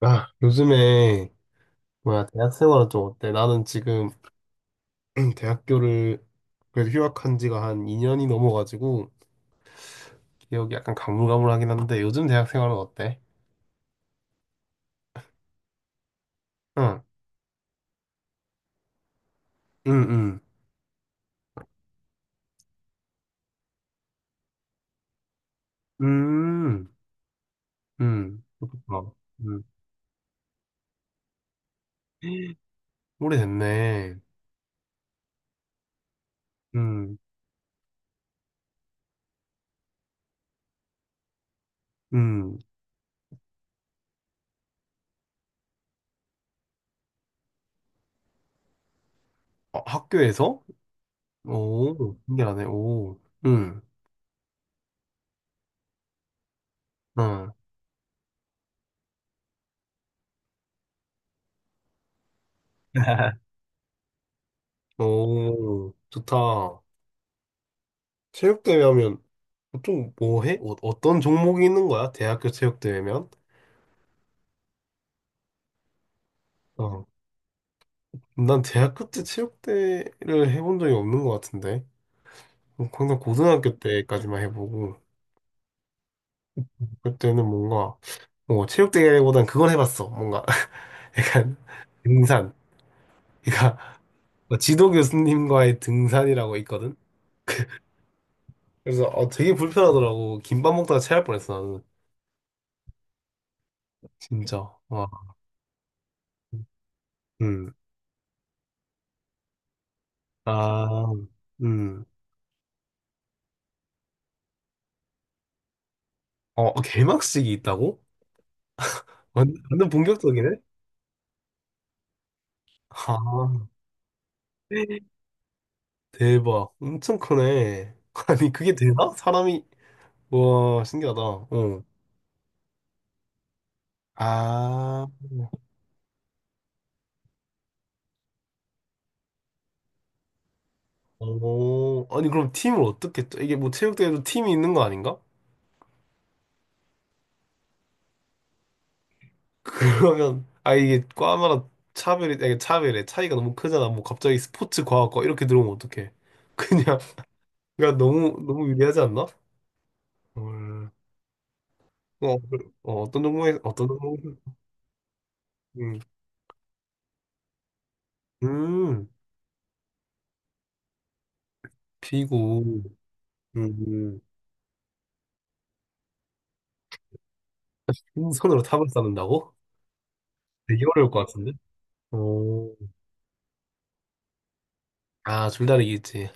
아, 요즘에 뭐야 대학 생활은 좀 어때? 나는 지금 대학교를 그래도 휴학한 지가 한 2년이 넘어가지고 기억이 약간 가물가물하긴 한데 요즘 대학 생활은 어때? 응, 응, 응, 음, 그렇구나. 음, 오래됐네. 음, 음, 어, 학교에서? 오, 신기하네. 오, 음, 응, 오, 좋다. 체육대회 하면 보통 뭐 해? 어, 어떤 종목이 있는 거야? 대학교 체육대회면? 어. 난 대학교 때 체육대회를 해본 적이 없는 것 같은데. 뭐 항상 고등학교 때까지만 해보고, 그때는 뭔가, 뭐, 체육대회보단 그걸 해봤어. 뭔가, 약간, 등산. 그러니까, 뭐 지도 교수님과의 등산이라고 있거든? 그래서, 어, 되게 불편하더라고. 김밥 먹다가 체할 뻔했어, 나는. 진짜. 와. 음. 아, 음. 어, 어, 개막식이 있다고? 완전 본격적이네? 아, 대박. 엄청 크네. 아니, 그게 되나? 사람이, 와, 신기하다. 어. 아, 오. 아니, 그럼 팀을 어떻게, 이게 뭐 체육대회도 팀이 있는 거 아닌가? 그러면, 아, 이게 과마다 차별이, 아니, 차별이, 차이가 너무 크잖아. 뭐 갑자기 스포츠, 과학과 이렇게 들어오면 어떡해. 그냥, 그냥 너무, 너무 유리하지 않나? 헐. 어, 그- 어, 어떤 종목에, 어떤 종목에, 음, 음, 피구. 음, 손으로 탑을 쌓는다고? 되게 어려울 것 같은데? 오. 아, 줄다리기 있지.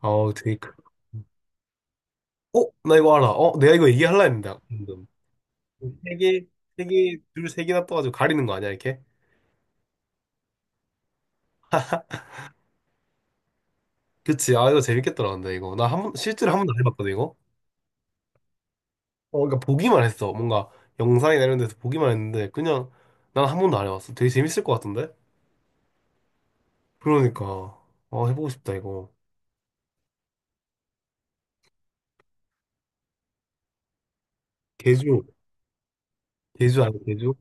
어, 되게 크. 어? 나 이거 알아. 어? 내가 이거 얘기할라 했는데. 방금. 세 개, 세 개, 줄 세 개나 떠가지고 가리는 거 아니야, 이렇게? 그치. 아, 이거 재밌겠더라, 근데 이거. 나 한 번, 실제로 한 번도 안 해봤거든, 이거? 어, 그러니까 보기만 했어. 뭔가 영상이나 이런 데서 보기만 했는데, 그냥 난 한 번도 안 해봤어. 되게 재밌을 것 같은데? 그러니까. 어, 해보고 싶다, 이거. 개주. 개주 아니야, 개주?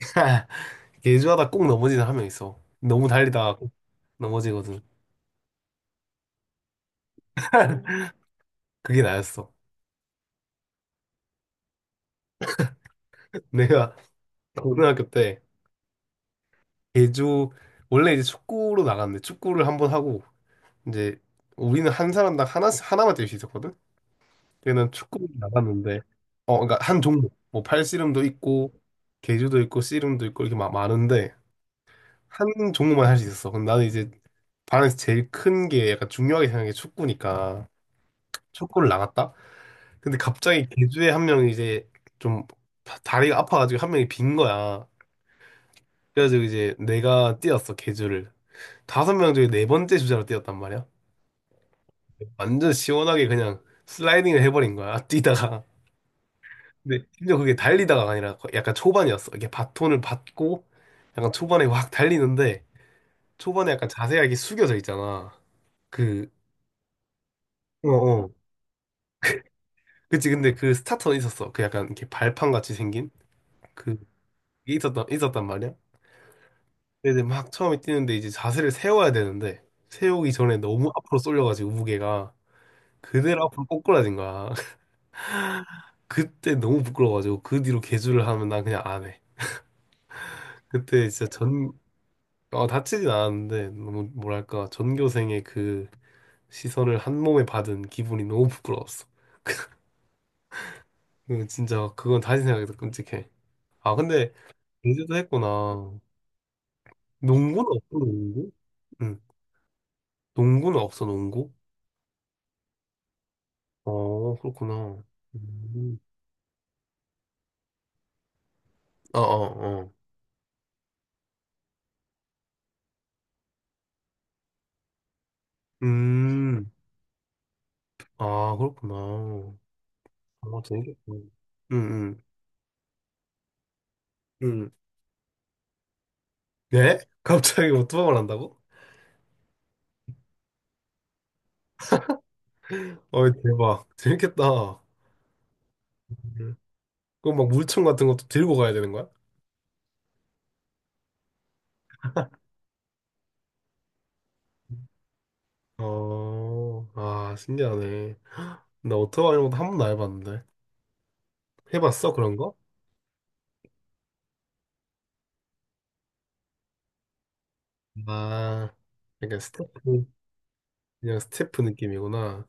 예주하다 꼭 넘어지는 한 명 있어. 너무 달리다가 꼭 넘어지거든. 그게 나였어. 내가 고등학교 때 예주 원래 이제 축구로 나갔는데 축구를 한번 하고 이제 우리는 한 사람당 하나 하나만 뛸 수 있었거든. 걔는 축구로 나갔는데 어 그러니까 한 종목 뭐 팔씨름도 있고 계주도 있고 씨름도 있고 이렇게 막 많은데 한 종목만 할 수 있었어. 근데 나는 이제 반에서 제일 큰 게 약간 중요하게 생각한 게 축구니까 축구를 나갔다. 근데 갑자기 개주에 한 명이 이제 좀 다리가 아파가지고 한 명이 빈 거야. 그래가지고 이제 내가 뛰었어, 개주를. 다섯 명 중에 네 번째 주자로 뛰었단 말이야. 완전 시원하게 그냥 슬라이딩을 해버린 거야, 뛰다가. 근데 심지어 그게 달리다가 아니라 약간 초반이었어. 이게 바톤을 받고 약간 초반에 확 달리는데 초반에 약간 자세가 이렇게 숙여져 있잖아. 그, 어, 어. 그치, 근데 그 스타터는 있었어. 그 약간 이렇게 발판 같이 생긴? 그, 게 있었단 말이야. 근데 막 처음에 뛰는데 이제 자세를 세워야 되는데 세우기 전에 너무 앞으로 쏠려가지고 무게가 그대로 앞으로 꼬꾸라진 거야. 그때 너무 부끄러워가지고 그 뒤로 계주를 하면 난 그냥 안 해. 그때 진짜 전 어, 다치진 않았는데 너무 뭐랄까 전교생의 그 시선을 한 몸에 받은 기분이 너무 부끄러웠어. 그 진짜 그건 다시 생각해도 끔찍해. 아 근데 제주도 했구나. 농구는 없어 농구? 응. 농구는 없어 농구? 어 그렇구나. 음. 어어어. 음, 아, 그렇구나. 어, 재밌겠다. 응, 응, 응. 네? 갑자기 오토바이를 한다고? 어이, 대박. 재밌겠다. 음. 그럼 막 물총 같은 것도 들고 가야 되는 거야? 어, 아, 신기하네. 나 오토바이 이런 것도 한 번도 안 해봤는데. 해봤어, 그런 거? 아, 약간 스태프, 그냥 스태프 느낌이구나.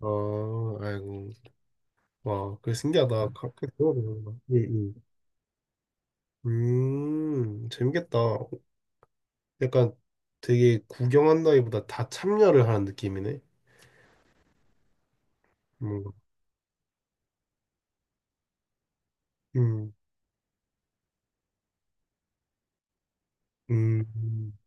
어, 아이고. 와, 그게 신기하다. 그렇게 들어보는구나. 응, 응. 재밌겠다. 약간 되게 구경한다기보다 다 참여를 하는 느낌이네. 뭔가. 음, 음, 음,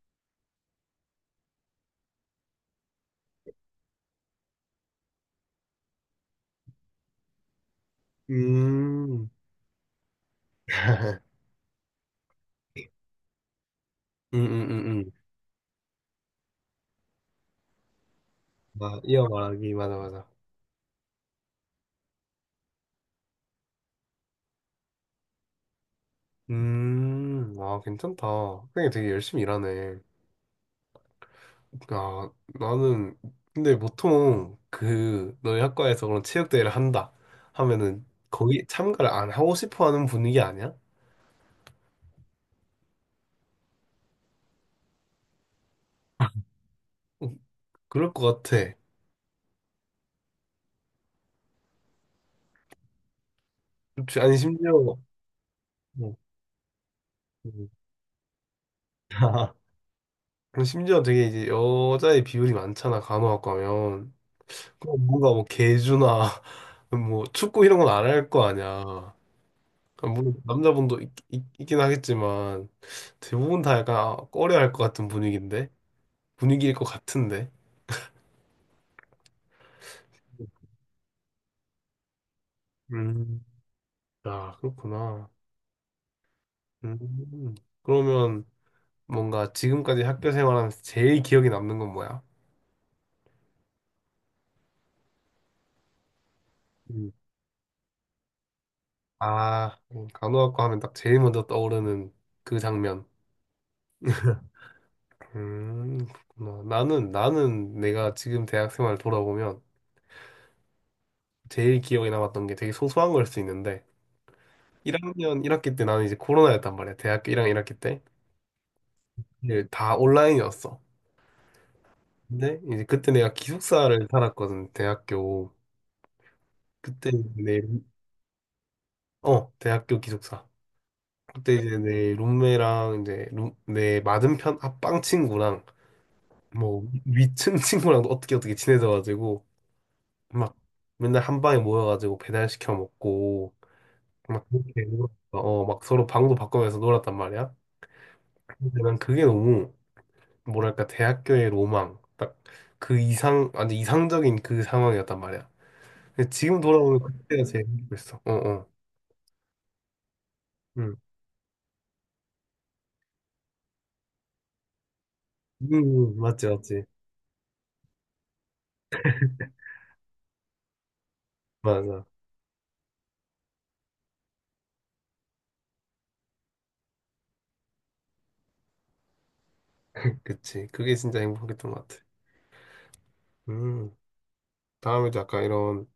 음, 음, 음, 음. 음. 아, 이어 말하기, 맞아, 맞아. 아, 괜찮다. 형이 되게 열심히 일하네. 아, 나는, 근데 보통 그, 너희 학과에서 그런 체육대회를 한다 하면은 거기 참가를 안 하고 싶어 하는 분위기 아니야? 음, 그럴 것 같아. 그치? 아니, 심지어, 어, 음. 그리고 심지어 되게 이제 여자의 비율이 많잖아, 간호학과 하면. 그럼 뭔가 뭐 개주나 뭐 축구 이런 건 안 할 거 아니야. 아, 물론 남자분도 있, 긴 하겠지만 대부분 다 약간 아, 꺼려할 것 같은 분위기인데 분위기일 것 같은데. 음. 아, 그렇구나. 음. 그러면 뭔가 지금까지 학교 생활하면서 제일 기억에 남는 건 뭐야? 음. 아, 간호학과 하면 딱 제일 먼저 떠오르는 그 장면. 음, 그렇구나. 나는, 나는 내가 지금 대학 생활 돌아보면 제일 기억에 남았던 게 되게 소소한 걸 수 있는데, 1학년 1학기 때 나는 이제 코로나였단 말이야. 대학교 1학년 1학기 때. 이제 다 온라인이었어. 근데 이제 그때 내가 기숙사를 살았거든, 대학교. 그때 내, 어, 대학교 기숙사. 그때 이제 내 룸메랑 이제 룸, 내 맞은편 앞방 친구랑 뭐 위층 친구랑도 어떻게 어떻게 친해져가지고 막 맨날 한 방에 모여가지고 배달시켜 먹고 막 그렇게 놀았어. 어, 막 서로 방도 바꾸면서 놀았단 말이야. 근데 난 그게 너무 뭐랄까 대학교의 로망 딱 그 이상 완전 이상적인 그 상황이었단 말이야. 근데 지금 돌아보면 그때가 제일 행복했어. 어, 어, 응, 맞지, 맞지, 맞아, 그치. 그게 진짜 행복했던 것 같아. 음, 다음에도 약간 이런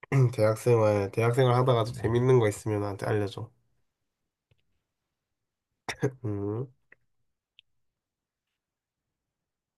대학생활 하다가 도 재밌는 거 있으면 나한테 알려줘. 음.